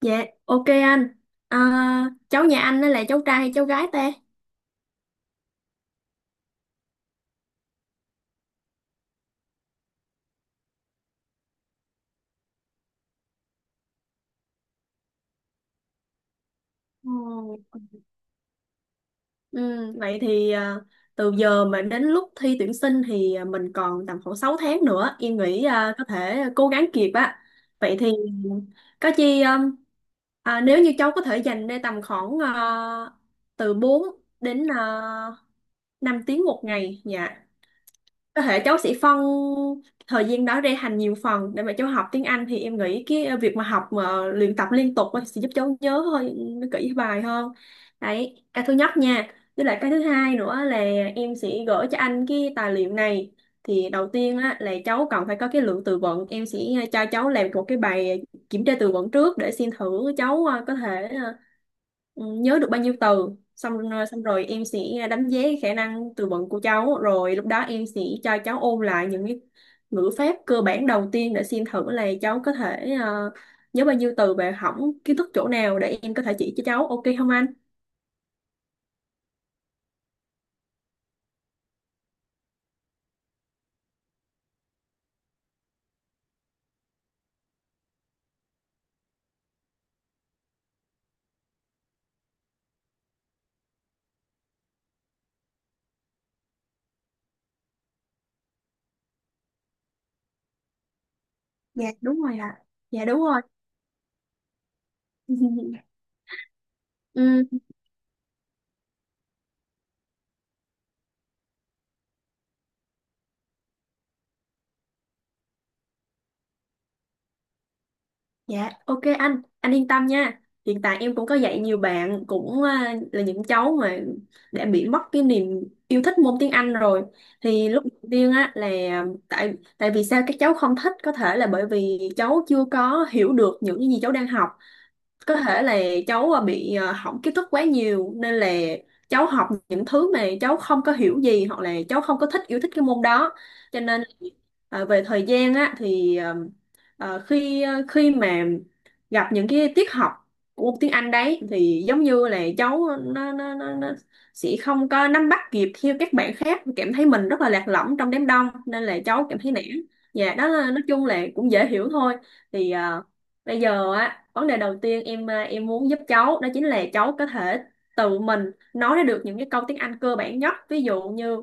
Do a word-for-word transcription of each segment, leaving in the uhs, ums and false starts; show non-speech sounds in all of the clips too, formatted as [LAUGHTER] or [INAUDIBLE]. Dạ, ok anh. À, cháu nhà anh đó là cháu trai hay cháu gái ta? Ừ. Ừ, vậy thì à, từ giờ mà đến lúc thi tuyển sinh thì à, mình còn tầm khoảng sáu tháng nữa. Em nghĩ à, có thể cố gắng kịp á. Vậy thì có chi um, à, nếu như cháu có thể dành ra tầm khoảng à, từ bốn đến uh, năm tiếng một ngày. Dạ, có thể cháu sẽ phân thời gian đó ra thành nhiều phần để mà cháu học tiếng Anh thì em nghĩ cái ờ, việc mà học mà luyện tập liên tục á sẽ giúp cháu nhớ hơi nó kỹ bài hơn. Đấy cái thứ nhất nha, với lại cái thứ hai nữa là em sẽ gửi cho anh cái tài liệu này thì đầu tiên á, là cháu cần phải có cái lượng từ vựng. Em sẽ ờ, cho cháu làm một cái bài kiểm tra từ vựng trước để xem thử cháu à, có thể ờ, ừ, nhớ được bao nhiêu từ xong xong rồi em sẽ đánh giá khả năng từ vựng của cháu rồi lúc đó em sẽ cho cháu ôn lại những cái ngữ pháp cơ bản đầu tiên để xem thử là cháu có thể ờ, nhớ bao nhiêu từ và hỏng kiến thức chỗ nào để em có thể chỉ cho cháu, ok không anh? Dạ đúng rồi ạ, dạ đúng rồi. [LAUGHS] Ừ. Dạ, ok anh, anh yên tâm nha. Hiện tại em cũng có dạy nhiều bạn cũng à, là những cháu mà đã bị mất cái niềm yêu thích môn tiếng Anh rồi. Thì lúc đầu tiên á là tại tại vì sao các cháu không thích, có thể là bởi vì cháu chưa có hiểu được những cái gì cháu đang học, có thể là cháu à, bị à, hỏng kiến thức quá nhiều nên là cháu học những thứ mà cháu không có hiểu gì hoặc là cháu không có thích yêu thích cái môn đó, cho nên à, về thời gian á thì à, à, khi à, khi mà gặp những cái tiết học của môn tiếng Anh đấy thì giống như là cháu nó, nó, nó, nó sẽ không có nắm bắt kịp theo các bạn khác, cảm thấy mình rất là lạc lõng trong đám đông nên là cháu cảm thấy nản. Dạ đó là nói chung là cũng dễ hiểu thôi, thì à, bây giờ á, vấn đề đầu tiên em à, em muốn giúp cháu đó chính là cháu có thể tự mình nói ra được những cái câu tiếng Anh cơ bản nhất. Ví dụ như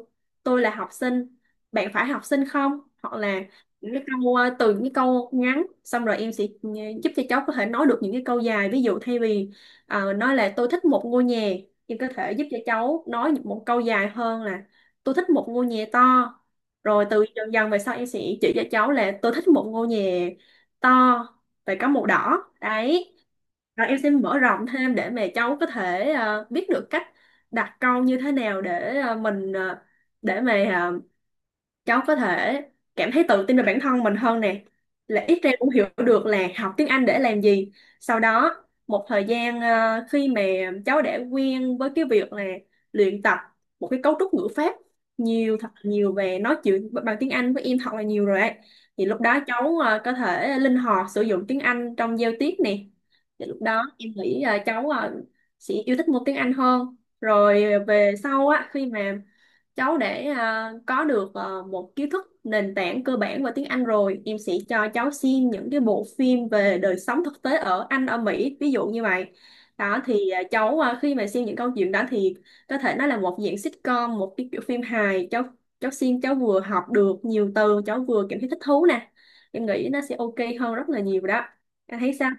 tôi là học sinh, bạn phải học sinh không? Hoặc là những cái câu à, từ những cái câu ngắn xong rồi em sẽ ừ, giúp cho cháu có thể nói được những cái câu dài. Ví dụ thay vì ờ, nói là tôi thích một ngôi nhà, em có thể giúp cho cháu nói một câu dài hơn là tôi thích một ngôi nhà to. Rồi từ dần dần về sau em sẽ chỉ cho cháu là tôi thích một ngôi nhà to về có màu đỏ đấy và em sẽ mở rộng thêm để mà cháu có thể ờ, biết được cách đặt câu như thế nào để ờ, mình ờ, để mà ờ, cháu có thể cảm thấy tự tin về bản thân mình hơn nè, là ít ra cũng hiểu được là học tiếng Anh để làm gì. Sau đó một thời gian ờ, khi mà cháu đã quen với cái việc là luyện tập một cái cấu trúc ngữ pháp nhiều thật nhiều về nói chuyện bằng tiếng Anh với em thật là nhiều rồi ấy, thì lúc đó cháu ờ, có thể linh hoạt sử dụng tiếng Anh trong giao tiếp nè. Thì lúc đó em nghĩ ờ, cháu ờ, sẽ yêu thích môn tiếng Anh hơn. Rồi về sau á, khi mà cháu để à, có được à, một kiến thức nền tảng cơ bản về tiếng Anh rồi, em sẽ cho cháu xem những cái bộ phim về đời sống thực tế ở Anh, ở Mỹ, ví dụ như vậy. Đó thì à, cháu à, khi mà xem những câu chuyện đó thì có thể nó là một dạng sitcom, một cái kiểu phim hài. Cháu cháu xem cháu vừa học được nhiều từ, cháu vừa cảm thấy thích thú nè. Em nghĩ nó sẽ ok hơn rất là nhiều đó. Anh thấy sao?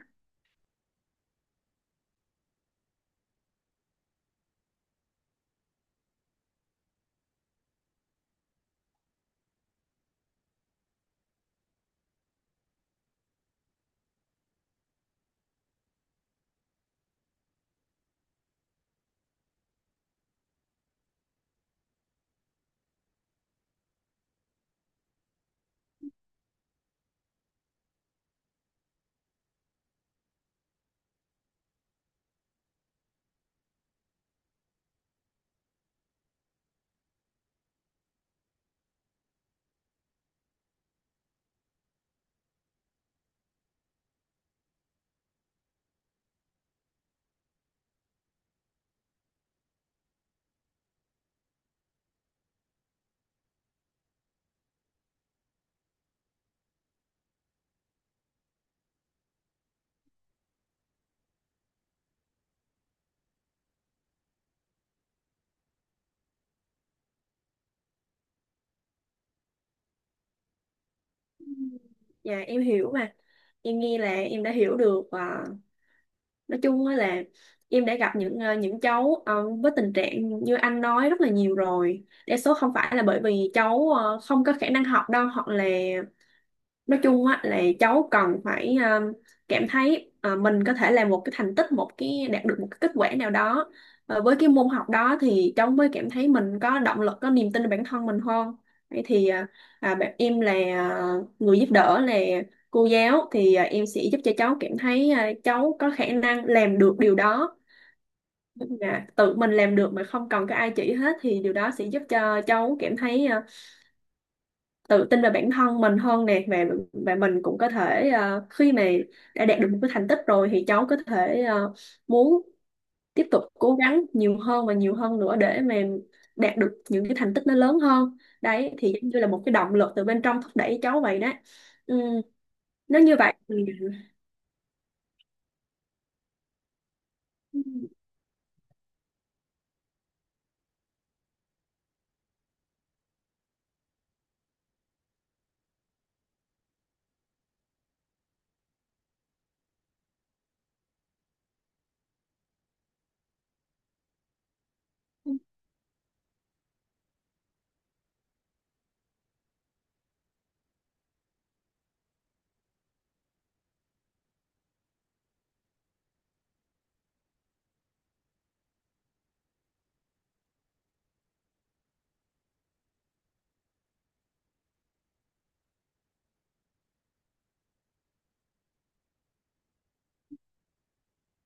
Ừm. Dạ em hiểu mà. Em nghe là em đã hiểu được à, nói chung á là em đã gặp những ờ, những cháu ờ, với tình trạng như anh nói rất là nhiều rồi, đa số không phải là bởi vì cháu ờ, không có khả năng học đâu hoặc là nói chung á là cháu cần phải ờ, cảm thấy ờ, mình có thể làm một cái thành tích, một cái đạt được một cái kết quả nào đó. Ờ, với cái môn học đó thì cháu mới cảm thấy mình có động lực, có niềm tin vào bản thân mình hơn. Vậy thì ờ, à, bạn em là ờ, người giúp đỡ là cô giáo thì ờ, em sẽ giúp cho cháu cảm thấy ờ, cháu có khả năng làm được điều đó. Tức là tự mình làm được mà không cần có ai chỉ hết thì điều đó sẽ giúp cho cháu cảm thấy ờ, tự tin về bản thân mình hơn nè và và mình cũng có thể ờ, khi mà đã đạt được một cái thành tích rồi thì cháu có thể ờ, muốn tiếp tục cố gắng nhiều hơn và nhiều hơn nữa để mà đạt được những cái thành tích nó lớn hơn đấy, thì giống như là một cái động lực từ bên trong thúc đẩy cháu vậy đó. Ừ, nếu như vậy thì [LAUGHS] ừ,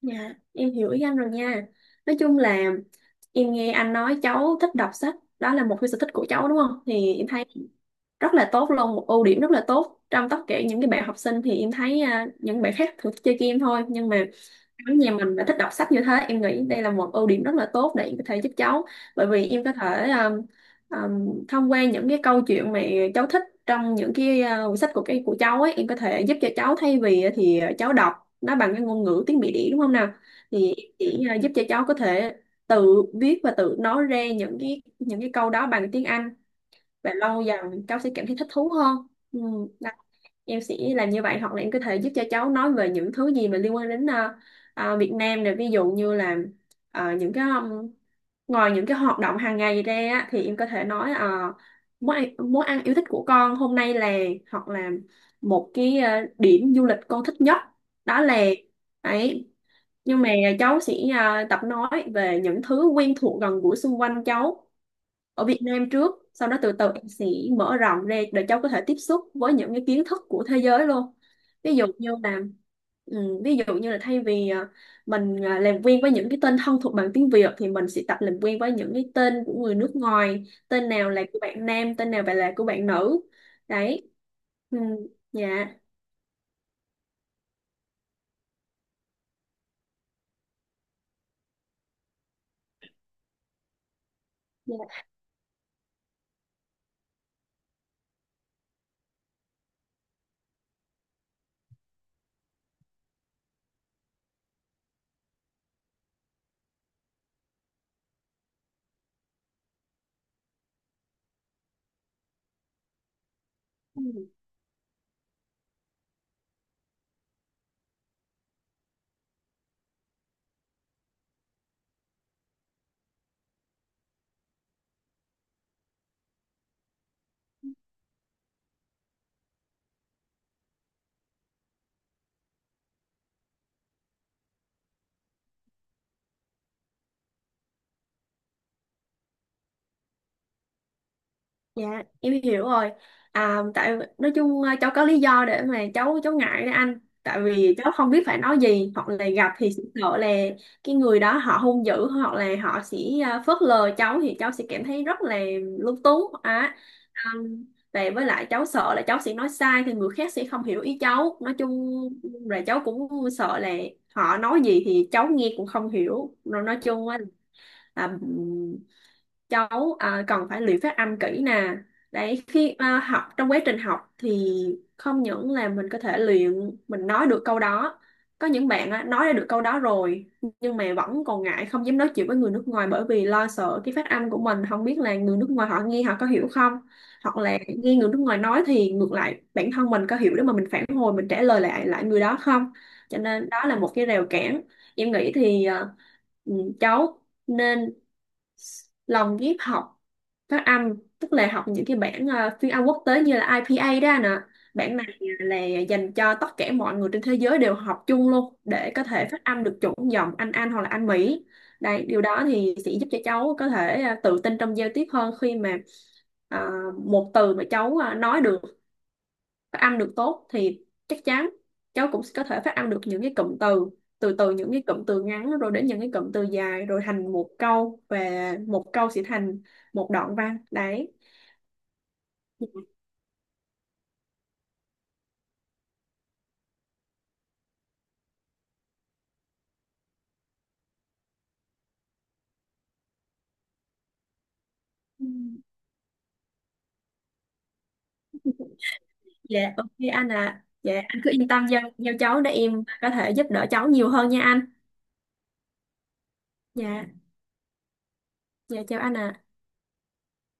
dạ em hiểu ý anh rồi nha. Nói chung là em nghe anh nói cháu thích đọc sách, đó là một cái sở thích của cháu đúng không thì em thấy rất là tốt luôn, một ưu điểm rất là tốt. Trong tất cả những cái bạn học sinh thì em thấy à, những bạn khác thường chơi game thôi, nhưng mà ở nhà mình đã thích đọc sách như thế, em nghĩ đây là một ưu điểm rất là tốt để em có thể giúp cháu. Bởi vì em có thể um, um, thông qua những cái câu chuyện mà cháu thích trong những cái à, quyển sách của cái của cháu ấy, em có thể giúp cho cháu thay vì thì cháu đọc nó bằng cái ngôn ngữ tiếng Mỹ đĩ đúng không nào, thì chỉ à, giúp cho cháu có thể tự viết và tự nói ra những cái những cái câu đó bằng tiếng Anh và lâu dần cháu sẽ cảm thấy thích thú hơn. Ừ. Đó. Em sẽ làm như vậy hoặc là em có thể giúp cho cháu nói về những thứ gì mà liên quan đến ờ, ờ, Việt Nam này, ví dụ như là ờ, những cái um, ngoài những cái hoạt động hàng ngày ra á, thì em có thể nói ờ, món ăn, món ăn yêu thích của con hôm nay là, hoặc là một cái ờ, điểm du lịch con thích nhất đó là ấy, nhưng mà cháu sẽ ờ, tập nói về những thứ quen thuộc gần gũi xung quanh cháu ở Việt Nam trước, sau đó từ từ em sẽ mở rộng ra để cháu có thể tiếp xúc với những cái kiến thức của thế giới luôn. Ví dụ như là ừ, ví dụ như là thay vì à, mình à, làm quen với những cái tên thân thuộc bằng tiếng Việt thì mình sẽ tập làm quen với những cái tên của người nước ngoài, tên nào là của bạn nam, tên nào là của bạn nữ đấy. Ừ, dạ dạ. Dạ, em hiểu rồi. À, tại nói chung à, cháu có lý do để mà cháu cháu ngại đấy anh. Tại vì cháu không biết phải nói gì, hoặc là gặp thì sẽ sợ là cái người đó họ hung dữ, hoặc là họ sẽ à, phớt lờ cháu thì cháu sẽ cảm thấy rất là lúng túng á. À, và với lại cháu sợ là cháu sẽ nói sai thì người khác sẽ không hiểu ý cháu. Nói chung là cháu cũng sợ là họ nói gì thì cháu nghe cũng không hiểu. Rồi nói chung á, là à, cháu à, cần phải luyện phát âm kỹ nè đấy, khi à, học trong quá trình học thì không những là mình có thể luyện mình nói được câu đó, có những bạn á, nói ra được câu đó rồi nhưng mà vẫn còn ngại không dám nói chuyện với người nước ngoài bởi vì lo sợ cái phát âm của mình không biết là người nước ngoài họ nghe họ có hiểu không, hoặc là nghe người nước ngoài nói thì ngược lại bản thân mình có hiểu để mà mình phản hồi mình trả lời lại lại người đó không. Cho nên đó là một cái rào cản, em nghĩ thì à, ừ, cháu nên lòng ghép học phát âm, tức là học những cái bản ờ, phiên âm quốc tế như là i pê a đó anh ạ. Bản này là dành cho tất cả mọi người trên thế giới đều học chung luôn để có thể phát âm được chuẩn giọng Anh Anh hoặc là Anh Mỹ. Đây điều đó thì sẽ giúp cho cháu có thể ờ, tự tin trong giao tiếp hơn khi mà ờ, một từ mà cháu ờ, nói được phát âm được tốt thì chắc chắn cháu cũng có thể phát âm được những cái cụm từ, từ từ những cái cụm từ ngắn rồi đến những cái cụm từ dài rồi thành một câu và một câu sẽ thành một đoạn văn đấy. [LAUGHS] Ừ. Dạ ok anh, à dạ anh cứ yên tâm giao giao cháu để em có thể giúp đỡ cháu nhiều hơn nha anh. Dạ. Dạ chào anh ạ.